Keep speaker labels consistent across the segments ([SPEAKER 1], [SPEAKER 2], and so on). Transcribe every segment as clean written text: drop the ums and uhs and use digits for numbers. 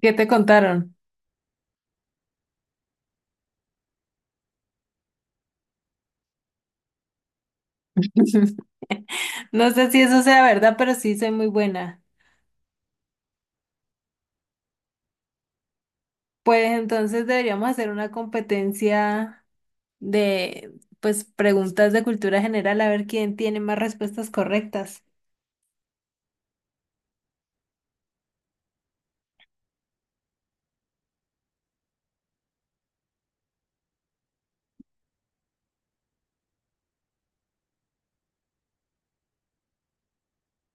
[SPEAKER 1] ¿Qué te contaron? No sé si eso sea verdad, pero sí soy muy buena. Pues entonces deberíamos hacer una competencia de, pues, preguntas de cultura general, a ver quién tiene más respuestas correctas.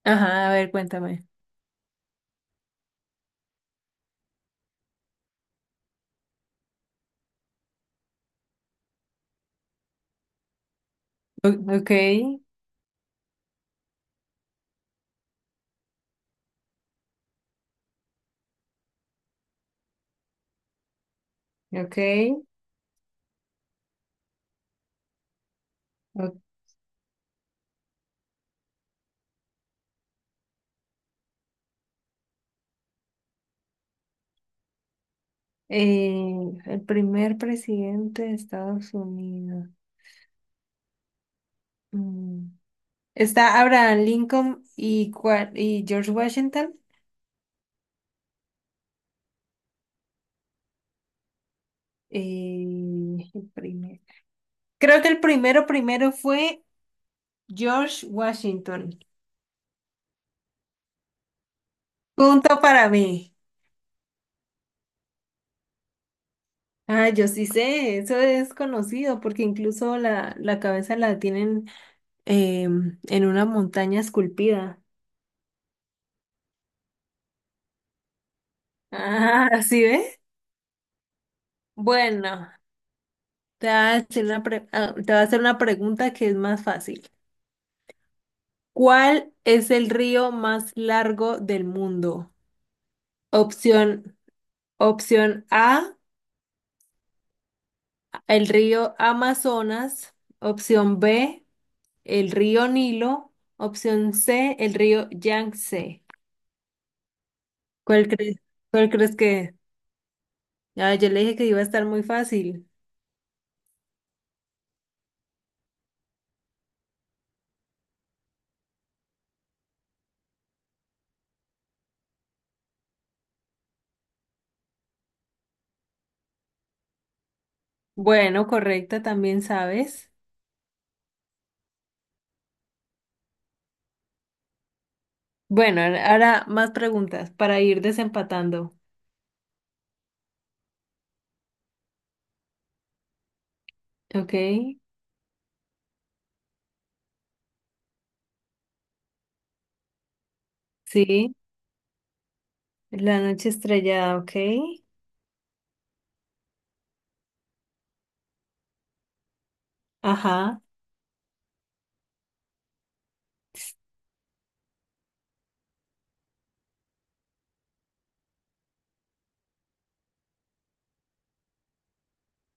[SPEAKER 1] Ajá, a ver, cuéntame. Ok, ok. o- el primer presidente de Estados Unidos. Mm. Está Abraham Lincoln y, y George Washington. El primero. Creo que el primero primero fue George Washington. Punto para mí. Ah, yo sí sé, eso es conocido porque incluso la cabeza la tienen en una montaña esculpida. Ah, ¿sí ve? Bueno, te voy a hacer una te voy a hacer una pregunta que es más fácil. ¿Cuál es el río más largo del mundo? Opción, opción A, el río Amazonas. Opción B, el río Nilo. Opción C, el río Yangtze. ¿Cuál crees, ¿cuál crees que es? Ah, yo le dije que iba a estar muy fácil. Bueno, correcta, también sabes. Bueno, ahora más preguntas para ir desempatando. Ok, sí. La noche estrellada, ok. Ajá.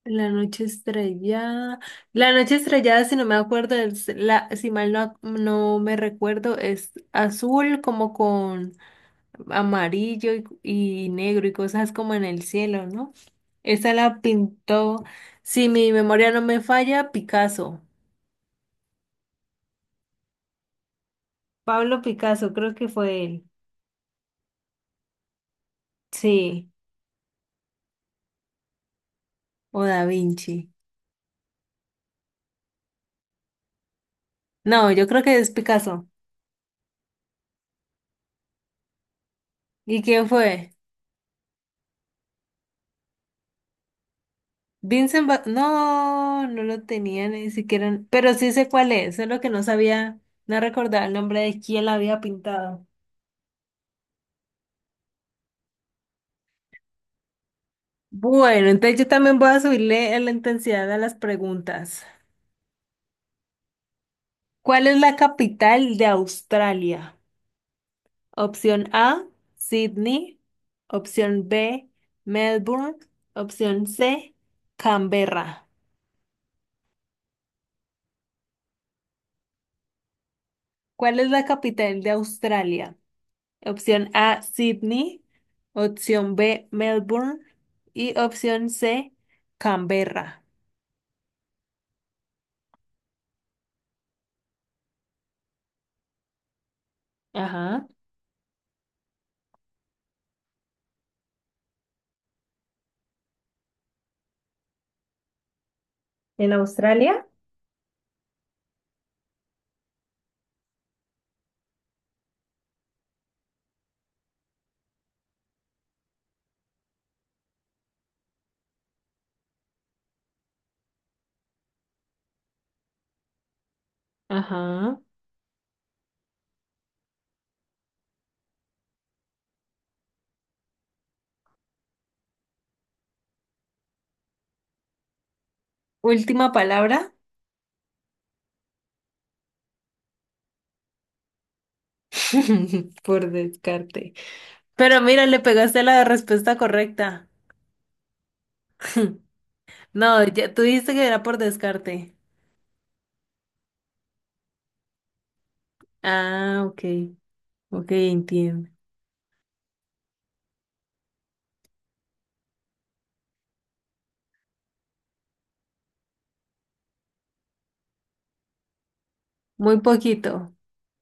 [SPEAKER 1] La noche estrellada. La noche estrellada, si no me acuerdo, si mal no, no me recuerdo, es azul como con amarillo y negro y cosas como en el cielo, ¿no? Esa la pintó, si mi memoria no me falla, Picasso. Pablo Picasso, creo que fue él. Sí, o Da Vinci. No, yo creo que es Picasso. ¿Y quién fue? No, no lo tenía ni siquiera. Pero sí sé cuál es, solo que no sabía, no recordaba el nombre de quién la había pintado. Bueno, entonces yo también voy a subirle la intensidad a las preguntas. ¿Cuál es la capital de Australia? Opción A, Sydney. Opción B, Melbourne. Opción C, Canberra. ¿Cuál es la capital de Australia? Opción A, Sydney. Opción B, Melbourne. Y opción C, Canberra. Ajá, ¿en Australia? Ajá. Última palabra. Por descarte. Pero mira, le pegaste la respuesta correcta. No, ya tú dijiste que era por descarte. Ah, ok, ok, entiendo. Muy poquito.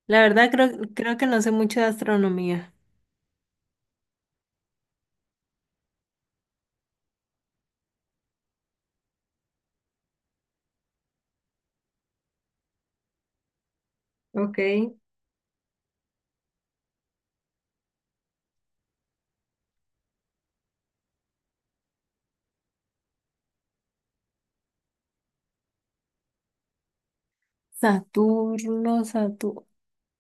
[SPEAKER 1] La verdad creo, creo que no sé mucho de astronomía. Ok, Saturno, Saturno.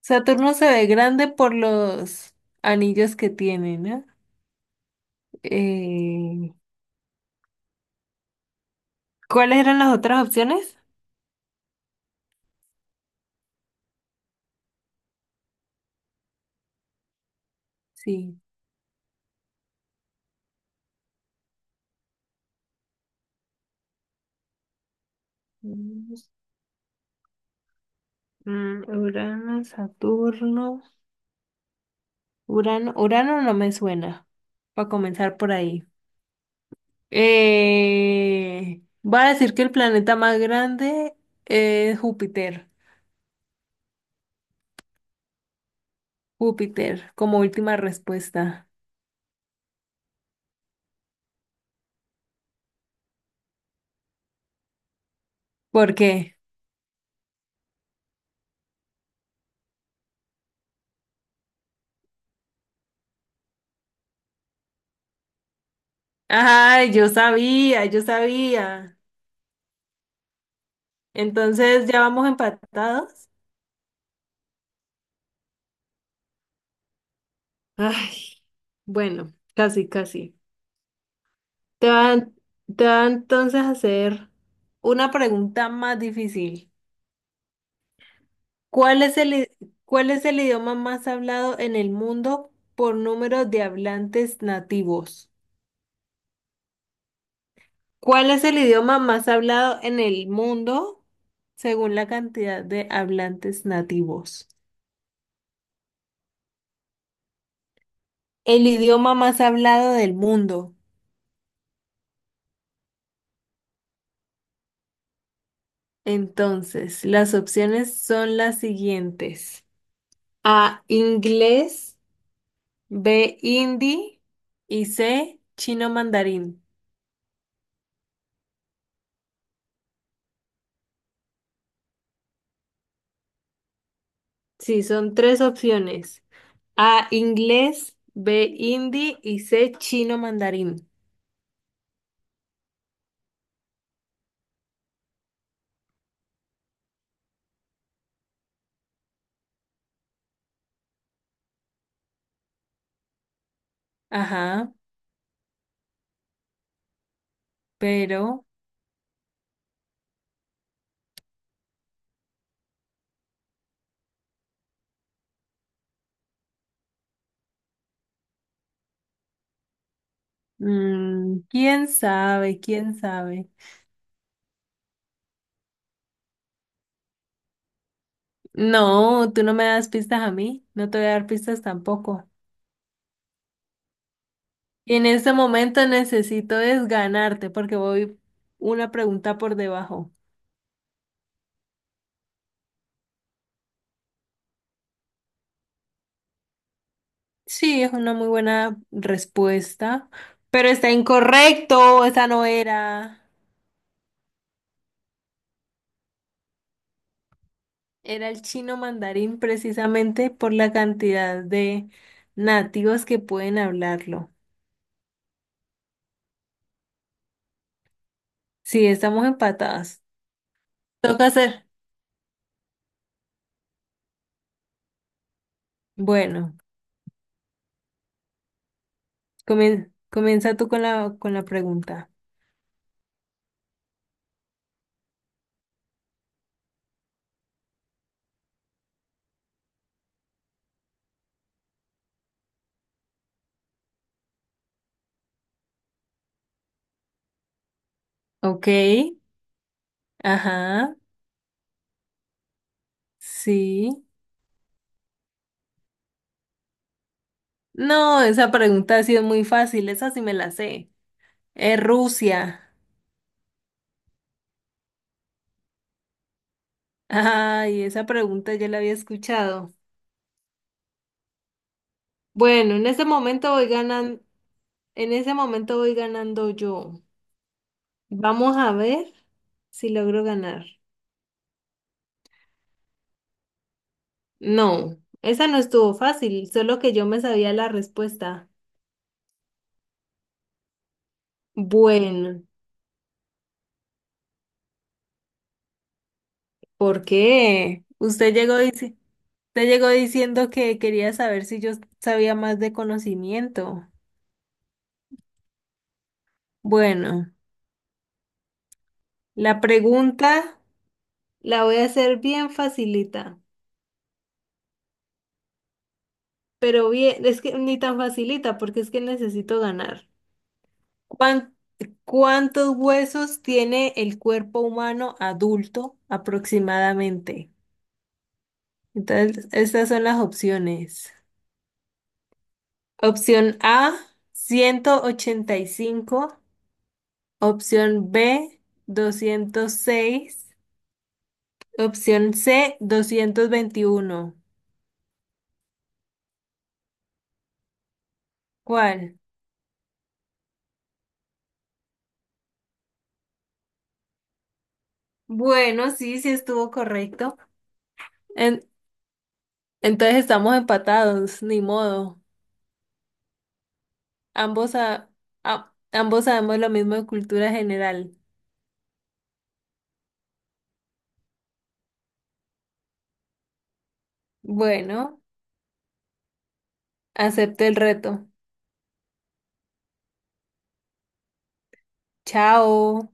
[SPEAKER 1] Saturno se ve grande por los anillos que tiene, ¿no? Eh, ¿Cuáles eran las otras opciones? Sí. Venus, mm, Urano, Saturno. Urano, Urano no me suena, para comenzar por ahí. Voy a decir que el planeta más grande es Júpiter. Júpiter, como última respuesta. ¿Por qué? Ay, yo sabía, yo sabía. Entonces, ¿ya vamos empatados? Ay, bueno, casi, casi. Te van, te va entonces a hacer una pregunta más difícil. ¿Cuál es el, i- ¿cuál es el idioma más hablado en el mundo por número de hablantes nativos? ¿Cuál es el idioma más hablado en el mundo según la cantidad de hablantes nativos? El idioma más hablado del mundo. Entonces, las opciones son las siguientes. A, inglés, B, hindi y C, chino mandarín. Sí, son tres opciones. A, inglés, B, hindi y C, chino mandarín. Ajá, pero... Mm, ¿quién sabe? ¿Quién sabe? No, tú no me das pistas a mí, no te voy a dar pistas tampoco. Y en este momento necesito desganarte porque voy una pregunta por debajo. Sí, es una muy buena respuesta, pero está incorrecto, esa no era. Era el chino mandarín precisamente por la cantidad de nativos que pueden hablarlo. Sí, estamos empatadas. Toca hacer. Bueno. Comienza tú con con la pregunta. Ok, ajá, sí. No, esa pregunta ha sido muy fácil, esa sí me la sé. Es Rusia. Ay, esa pregunta ya la había escuchado. Bueno, en ese momento voy ganando, en ese momento voy ganando yo. Vamos a ver si logro ganar. No, esa no estuvo fácil, solo que yo me sabía la respuesta. Bueno, ¿por qué? Usted llegó y dice. Te llegó diciendo que quería saber si yo sabía más de conocimiento. Bueno, la pregunta la voy a hacer bien facilita, pero bien, es que ni tan facilita porque es que necesito ganar. ¿Cuán- ¿Cuántos huesos tiene el cuerpo humano adulto aproximadamente? Entonces, estas son las opciones. Opción A, 185. Opción B, 206. Opción C, 221. ¿Cuál? Bueno, sí, sí estuvo correcto. En- entonces estamos empatados, ni modo. Ambos, sa- ambos sabemos lo mismo de cultura general. Bueno, acepto el reto. Chao.